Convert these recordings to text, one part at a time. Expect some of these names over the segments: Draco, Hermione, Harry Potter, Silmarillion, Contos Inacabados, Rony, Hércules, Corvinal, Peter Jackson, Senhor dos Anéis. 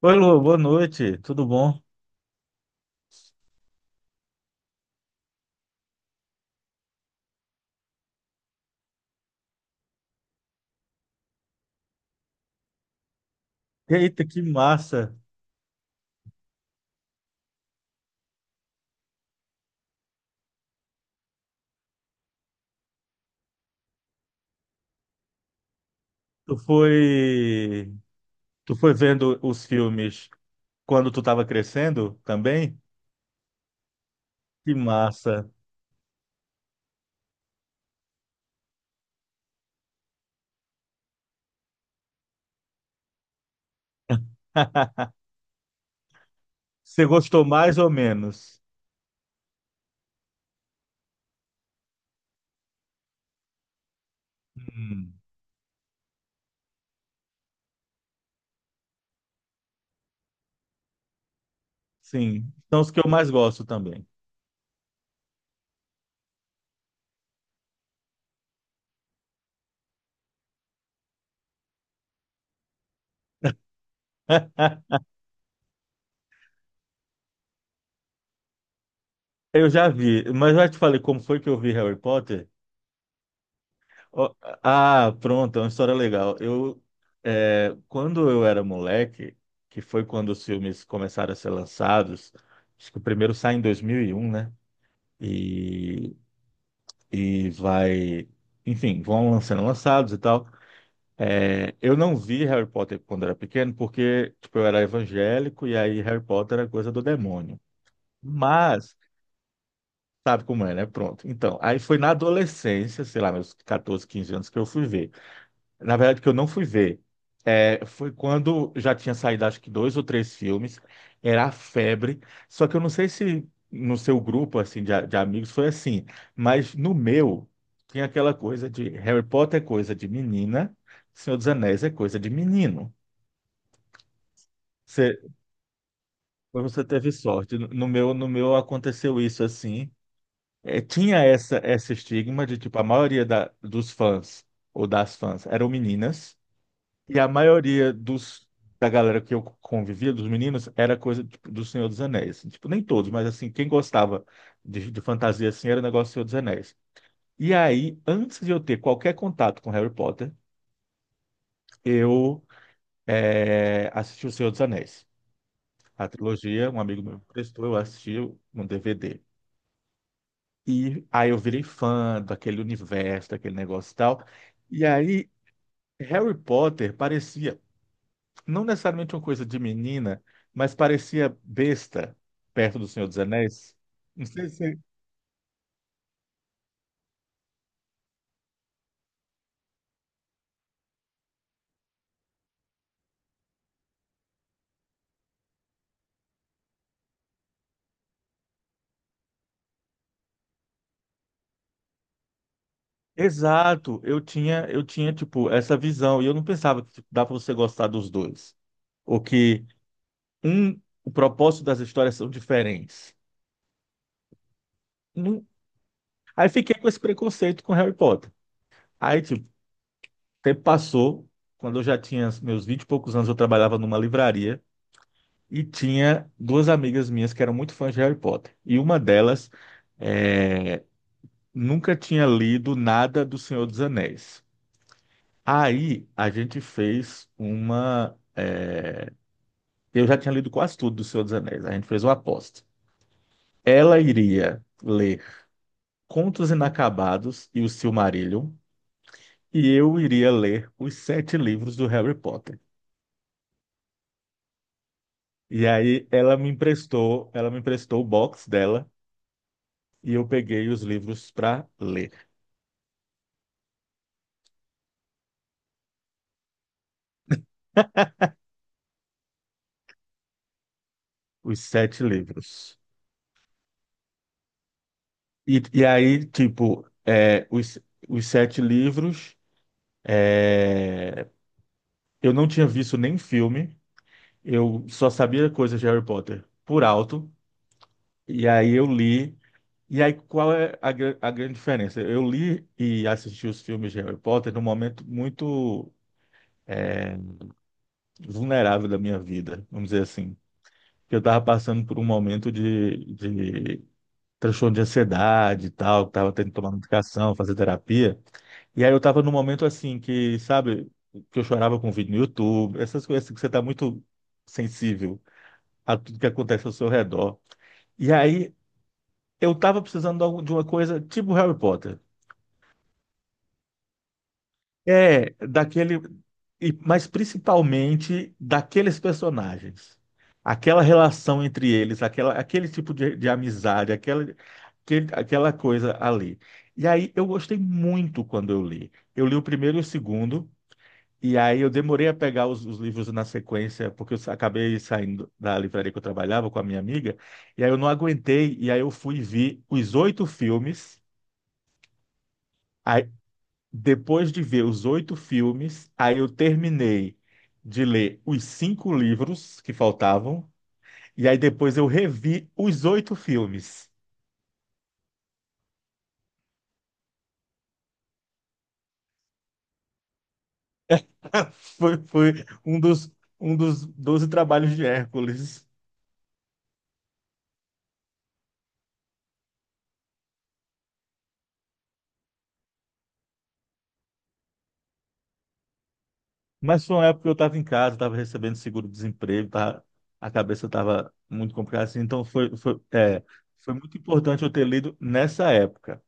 Oi, Lu, boa noite, tudo bom? Eita, que massa! Tu foi, tu foi vendo os filmes quando tu estava crescendo também? Que massa! Você gostou mais ou menos? Hum, sim, são os que eu mais gosto também. Eu já vi, mas já te falei como foi que eu vi Harry Potter? Ó, ah, pronto, é uma história legal. Eu, quando eu era moleque, que foi quando os filmes começaram a ser lançados, acho que o primeiro sai em 2001, né? E, e vai, enfim, vão sendo lançados e tal. É, eu não vi Harry Potter quando era pequeno, porque tipo, eu era evangélico e aí Harry Potter era coisa do demônio. Mas, sabe como é, né? Pronto. Então, aí foi na adolescência, sei lá, meus 14, 15 anos que eu fui ver. Na verdade, que eu não fui ver. É, foi quando já tinha saído, acho que 2 ou 3 filmes. Era a febre. Só que eu não sei se no seu grupo, assim, de, de amigos foi assim. Mas no meu, tinha aquela coisa de Harry Potter é coisa de menina, Senhor dos Anéis é coisa de menino. Você, você teve sorte. No meu aconteceu isso assim. É, tinha essa, esse estigma de, tipo, a maioria dos fãs ou das fãs eram meninas. E a maioria da galera que eu convivia, dos meninos, era coisa tipo, do Senhor dos Anéis. Assim. Tipo, nem todos, mas assim, quem gostava de fantasia assim era o negócio do Senhor dos Anéis. E aí, antes de eu ter qualquer contato com Harry Potter, eu assisti o Senhor dos Anéis. A trilogia, um amigo meu me prestou, eu assisti no DVD. E aí eu virei fã daquele universo, daquele negócio e tal. E aí, Harry Potter parecia não necessariamente uma coisa de menina, mas parecia besta perto do Senhor dos Anéis. Não sei se... Exato, eu tinha tipo essa visão e eu não pensava que tipo, dá para você gostar dos dois, ou que o propósito das histórias são diferentes. Não- Aí fiquei com esse preconceito com Harry Potter. Aí tipo, o tempo passou, quando eu já tinha meus vinte e poucos anos, eu trabalhava numa livraria e tinha duas amigas minhas que eram muito fãs de Harry Potter. E uma delas eh, nunca tinha lido nada do Senhor dos Anéis. Aí a gente fez Eu já tinha lido quase tudo do Senhor dos Anéis. A gente fez uma aposta. Ela iria ler Contos Inacabados e o Silmarillion, e eu iria ler os 7 livros do Harry Potter. E aí ela me emprestou o box dela e eu peguei os livros para ler, os 7 livros. E aí, tipo, os 7 livros. É, eu não tinha visto nem filme, eu só sabia coisas de Harry Potter por alto, e aí eu li. E aí, qual é a grande diferença? Eu li e assisti os filmes de Harry Potter num momento muito vulnerável da minha vida, vamos dizer assim. Eu estava passando por um momento de transtorno de ansiedade e tal, estava tendo que tomar medicação, fazer terapia. E aí eu tava num momento assim que, sabe, que eu chorava com vídeo no YouTube, essas coisas assim que você tá muito sensível a tudo que acontece ao seu redor. E aí eu tava precisando de uma coisa tipo Harry Potter. É, daquele, mas principalmente daqueles personagens. Aquela relação entre eles, aquele tipo de amizade, aquela coisa ali. E aí eu gostei muito quando eu li. Eu li o primeiro e o segundo. E aí eu demorei a pegar os livros na sequência, porque acabei saindo da livraria que eu trabalhava com a minha amiga, e aí eu não aguentei, e aí eu fui ver os 8 filmes, aí depois de ver os 8 filmes, aí eu terminei de ler os 5 livros que faltavam, e aí depois eu revi os 8 filmes. Foi um dos, um dos 12 trabalhos de Hércules. Mas foi uma época que eu estava em casa, estava recebendo seguro-desemprego, a cabeça estava muito complicada, assim, então foi muito importante eu ter lido nessa época.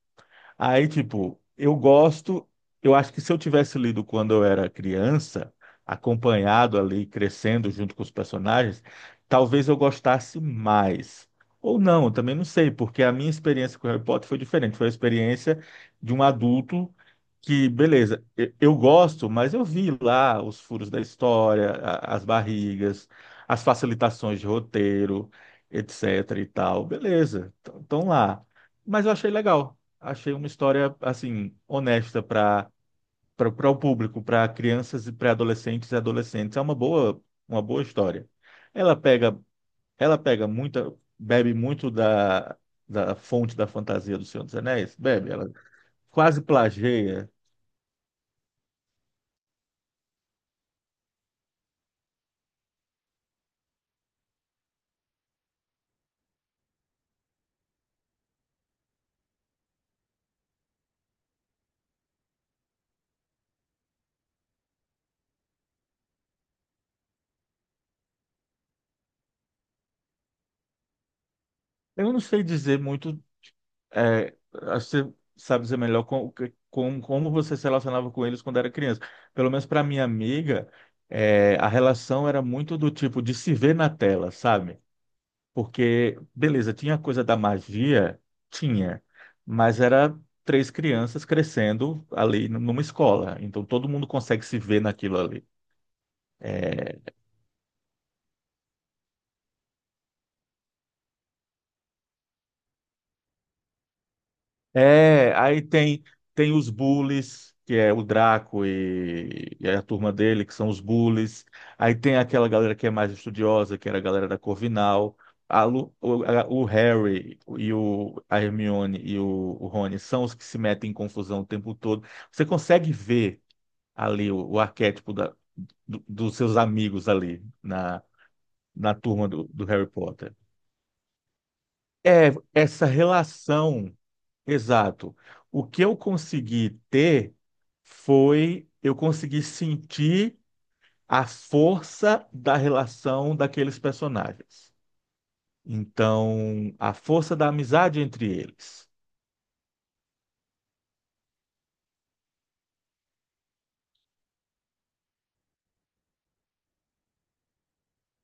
Aí, tipo, eu gosto, eu acho que se eu tivesse lido quando eu era criança, acompanhado ali, crescendo junto com os personagens, talvez eu gostasse mais. Ou não, eu também não sei, porque a minha experiência com Harry Potter foi diferente. Foi a experiência de um adulto que, beleza, eu gosto, mas eu vi lá os furos da história, as barrigas, as facilitações de roteiro, etc e tal. Beleza, estão lá. Mas eu achei legal, achei uma história assim honesta para para o público, para crianças e pré-adolescentes e adolescentes. É uma boa, uma boa história. Ela pega, ela pega muita, bebe muito da fonte da fantasia do Senhor dos Anéis, bebe, ela quase plageia. Eu não sei dizer muito, é, acho que você sabe dizer melhor como você se relacionava com eles quando era criança. Pelo menos para minha amiga, a relação era muito do tipo de se ver na tela, sabe? Porque, beleza, tinha a coisa da magia, tinha, mas era três crianças crescendo ali numa escola, então todo mundo consegue se ver naquilo ali. É, aí tem os bullies, que é o Draco e a turma dele, que são os bullies. Aí tem aquela galera que é mais estudiosa, que era a galera da Corvinal. A Lu- o, a- o Harry e a Hermione e o Rony são os que se metem em confusão o tempo todo. Você consegue ver ali o arquétipo dos seus amigos ali na turma do Harry Potter. É essa relação, exato. O que eu consegui ter foi eu consegui sentir a força da relação daqueles personagens. Então, a força da amizade entre eles.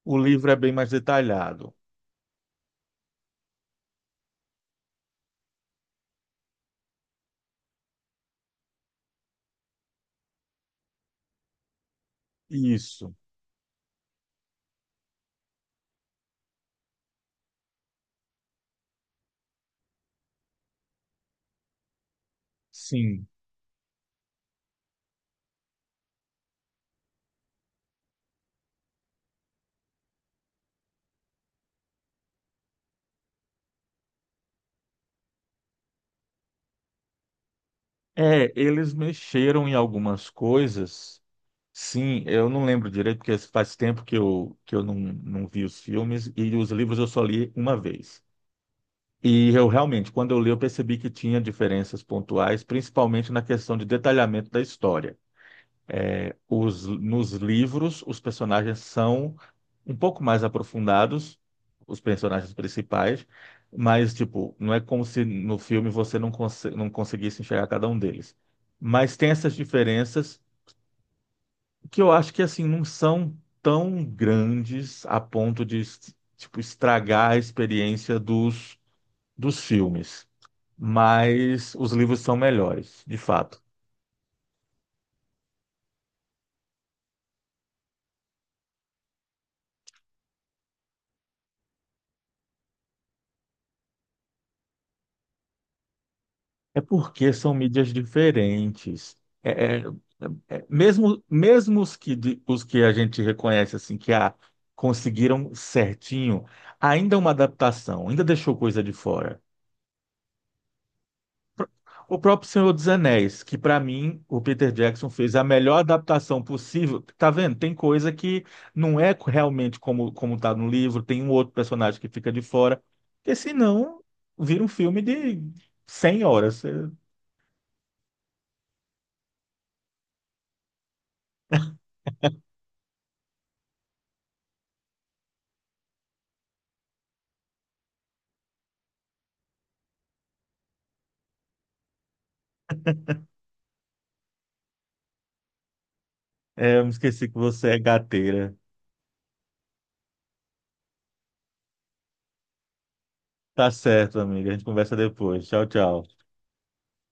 O livro é bem mais detalhado. Isso, sim. É, eles mexeram em algumas coisas. Sim, eu não lembro direito, porque faz tempo que eu não, não vi os filmes e os livros eu só li uma vez. E eu realmente, quando eu li, eu percebi que tinha diferenças pontuais, principalmente na questão de detalhamento da história. Nos livros, os personagens são um pouco mais aprofundados, os personagens principais, mas, tipo, não é como se no filme você não conseguisse enxergar cada um deles. Mas tem essas diferenças que eu acho que assim não são tão grandes a ponto de tipo estragar a experiência dos filmes, mas os livros são melhores, de fato. É porque são mídias diferentes. É, é- é, mesmo os que os que a gente reconhece assim que ah, conseguiram certinho, ainda é uma adaptação, ainda deixou coisa de fora. O próprio Senhor dos Anéis, que para mim o Peter Jackson fez a melhor adaptação possível. Tá vendo? Tem coisa que não é realmente como tá no livro, tem um outro personagem que fica de fora, porque senão vira um filme de 100 horas. É, eu me esqueci que você é gateira. Tá certo, amiga. A gente conversa depois. Tchau, tchau.